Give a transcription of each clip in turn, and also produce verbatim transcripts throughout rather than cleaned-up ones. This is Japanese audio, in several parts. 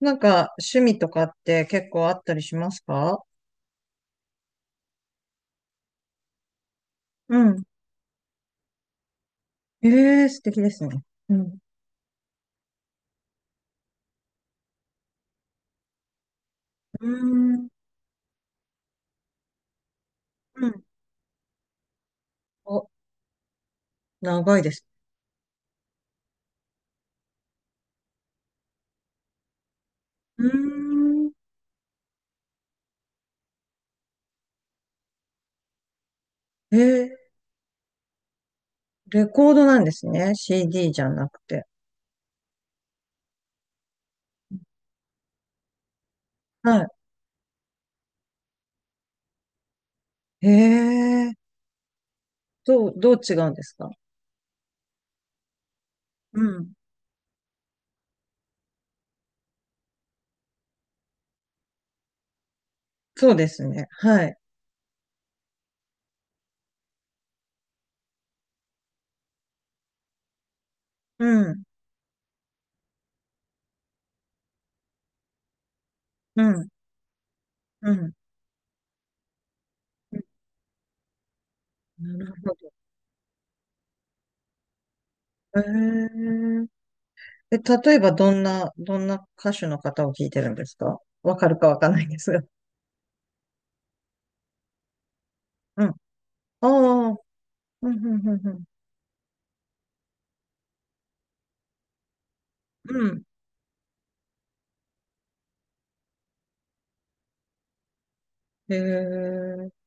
なんか、趣味とかって結構あったりしますか？うん。ええー、素敵ですね。うん。うーん。うん。お、長いです。うーん。えー、レコードなんですね。シーディー じゃなくて。はい。ええー、どう、どう違うんですか？うん。そうですね。はい。うん。うん。うん。うん。なるほど。えええ、例えばどんな、どんな歌手の方を聞いてるんですか？わかるかわかんないんですが。うん。ああ、うん、うん、うん、うん。うん。え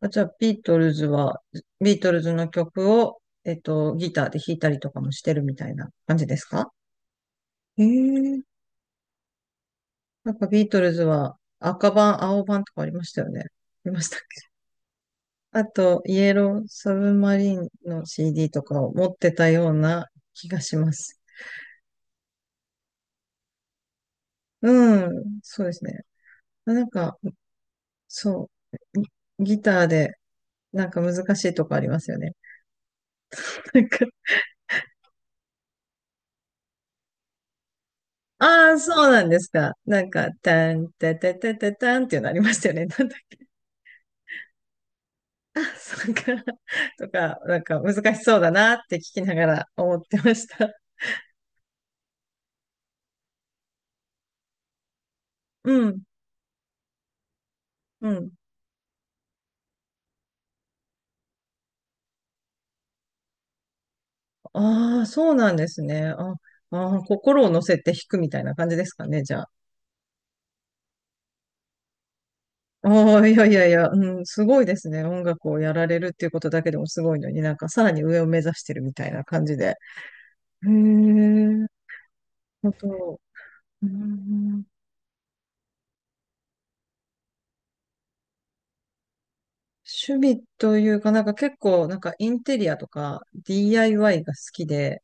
あ、じゃあ、ビートルズは、ビートルズの曲を、えっと、ギターで弾いたりとかもしてるみたいな感じですか？へえ。なんかビートルズは赤版、青版とかありましたよね。ありましたっけ？あと、イエローサブマリンの シーディー とかを持ってたような気がします。うん、そうですね。なんか、そう、ギギターで、なんか難しいとこありますよね。なんか、ああ、そうなんですか。なんか、たん、たたたたたんっていうのありましたよね。なんだか、そうか、とか、なんか難しそうだなって聞きながら思ってました。うん、うん。ああ、そうなんですね。あ、あー、心を乗せて弾くみたいな感じですかね、じゃあ。ああ、いやいやいや、うん、すごいですね。音楽をやられるっていうことだけでもすごいのに、なんかさらに上を目指してるみたいな感じで。へえ、本当。うん。趣味というか、なんか結構、なんかインテリアとか ディーアイワイ が好きで、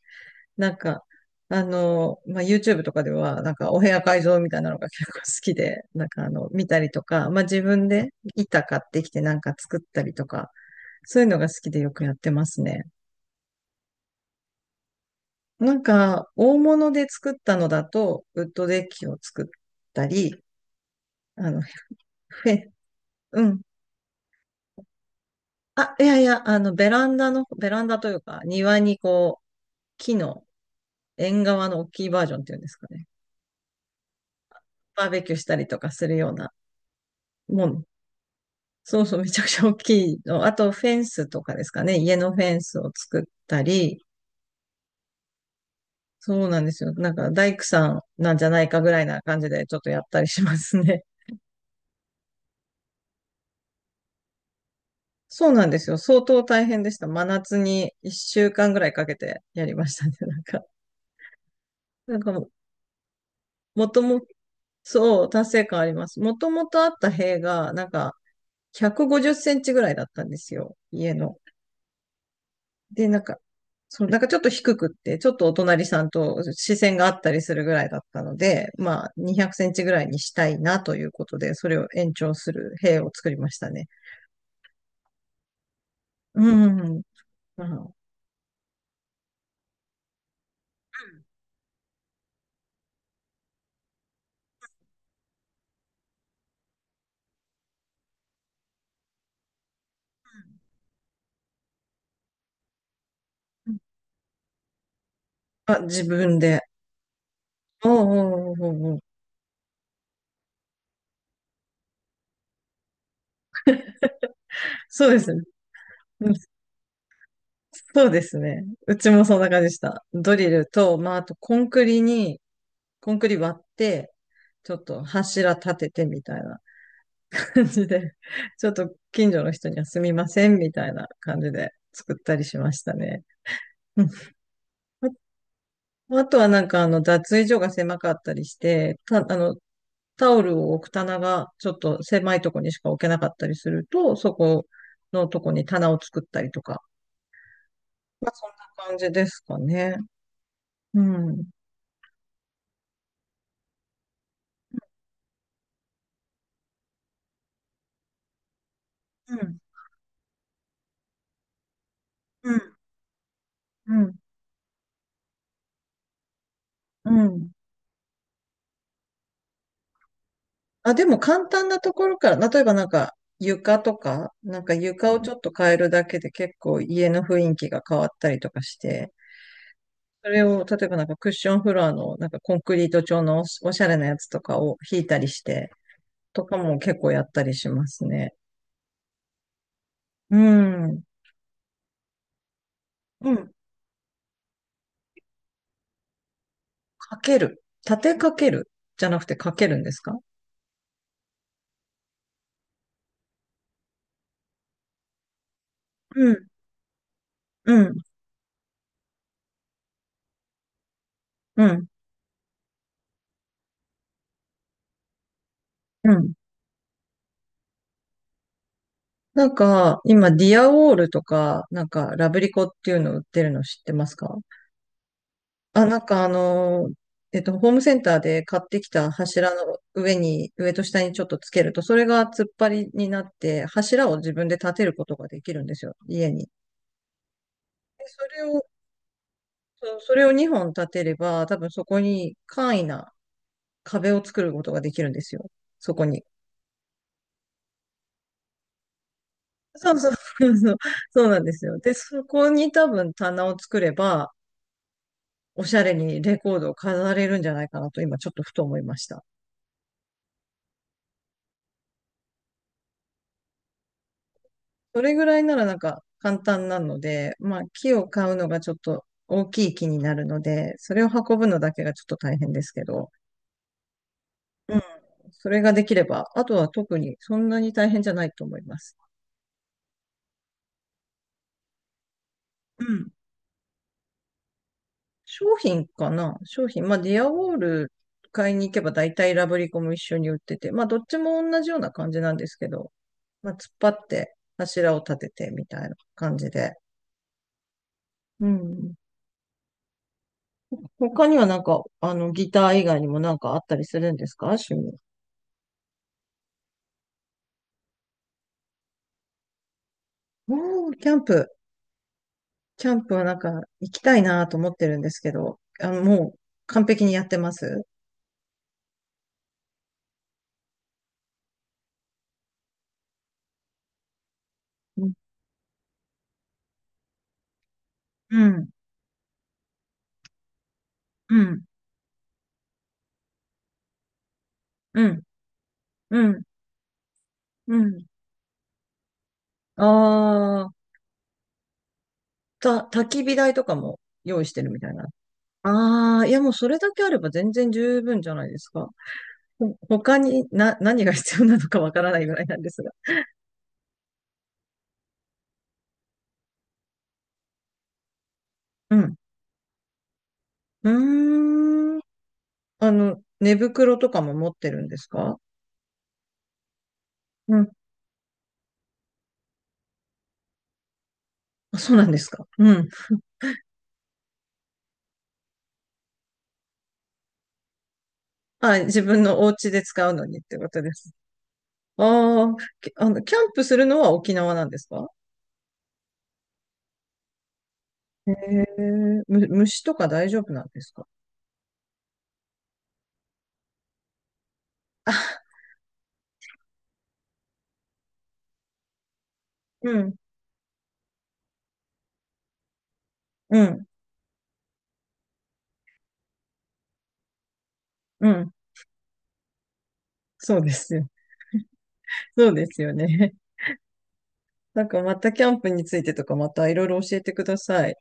なんか、あの、まあ、YouTube とかでは、なんかお部屋改造みたいなのが結構好きで、なんかあの、見たりとか、まあ、自分で板買ってきてなんか作ったりとか、そういうのが好きでよくやってますね。なんか、大物で作ったのだと、ウッドデッキを作ったり、あの、フェ、うん。あ、いやいや、あの、ベランダの、ベランダというか、庭にこう、木の、縁側の大きいバージョンっていうんですかね。バーベキューしたりとかするようなもん。そうそう、めちゃくちゃ大きいの。あと、フェンスとかですかね。家のフェンスを作ったり、そうなんですよ。なんか、大工さんなんじゃないかぐらいな感じでちょっとやったりしますね。そうなんですよ。相当大変でした。真夏にいっしゅうかんぐらいかけてやりましたね。なんか、なんかも、もとも、そう、達成感あります。もともとあった塀が、なんか、ひゃくごじゅっセンチぐらいだったんですよ。家の。で、なんか、そう、なんかちょっと低くって、ちょっとお隣さんと視線があったりするぐらいだったので、まあ、にひゃくセンチぐらいにしたいなということで、それを延長する塀を作りましたね。うん。うん。あ、自分で。おうおうおうおうおう、そうですね。うん。そうですね。うちもそんな感じでした。ドリルと、まあ、あとコンクリに、コンクリ割って、ちょっと柱立ててみたいな感じで、ちょっと近所の人にはすみませんみたいな感じで作ったりしましたね。うん。ああ、とはなんか、あの、脱衣所が狭かったりして、た、あの、タオルを置く棚がちょっと狭いとこにしか置けなかったりすると、そこのとこに棚を作ったりとか。まあそんな感じですかね。うん。うん。うん。うん。うん。あ、でも簡単なところから、例えばなんか床とか、なんか床をちょっと変えるだけで結構家の雰囲気が変わったりとかして、それを例えばなんかクッションフロアのなんかコンクリート調のおしおしゃれなやつとかを引いたりして、とかも結構やったりしますね。うん。うん。かける。立てかけるじゃなくてかけるんですか？うん。うん。うん。うん。なんか、今、ディアウォールとか、なんか、ラブリコっていうの売ってるの知ってますか？あ、なんかあのー、えっと、ホームセンターで買ってきた柱の上に、上と下にちょっとつけると、それが突っ張りになって、柱を自分で立てることができるんですよ、家に。でそれを、そう、それをにほん立てれば、多分そこに簡易な壁を作ることができるんですよ、そこに。そうそう、そうそう、そうなんですよ。で、そこに多分棚を作れば、おしゃれにレコードを飾れるんじゃないかなと、今ちょっとふと思いました。それぐらいならなんか簡単なので、まあ木を買うのがちょっと大きい木になるので、それを運ぶのだけがちょっと大変ですけど、それができれば、あとは特にそんなに大変じゃないと思います。うん。商品かな、商品。まあディアウォール買いに行けば大体ラブリコも一緒に売ってて、まあどっちも同じような感じなんですけど、まあ突っ張って柱を立ててみたいな感じで。うん。他にはなんか、あの、ギター以外にもなんかあったりするんですか、趣味。おー、キャンプ。キャンプはなんか行きたいなと思ってるんですけど、あの、もう完璧にやってます。うん、うん、うん、うん、うん。うん。ああ、た、焚き火台とかも用意してるみたいな。ああ、いやもうそれだけあれば全然十分じゃないですか。ほ他にな、何が必要なのかわからないぐらいなんですが。うん。うーん。あの、寝袋とかも持ってるんですか？うん。あ、そうなんですか。うん。あ、自分のお家で使うのにってことです。ああ、きあの、キャンプするのは沖縄なんですか？へえ、む、虫とか大丈夫なんですか？あ、うん、うん、うん。そうですよ。そうですよね。なんかまたキャンプについてとかまたいろいろ教えてください。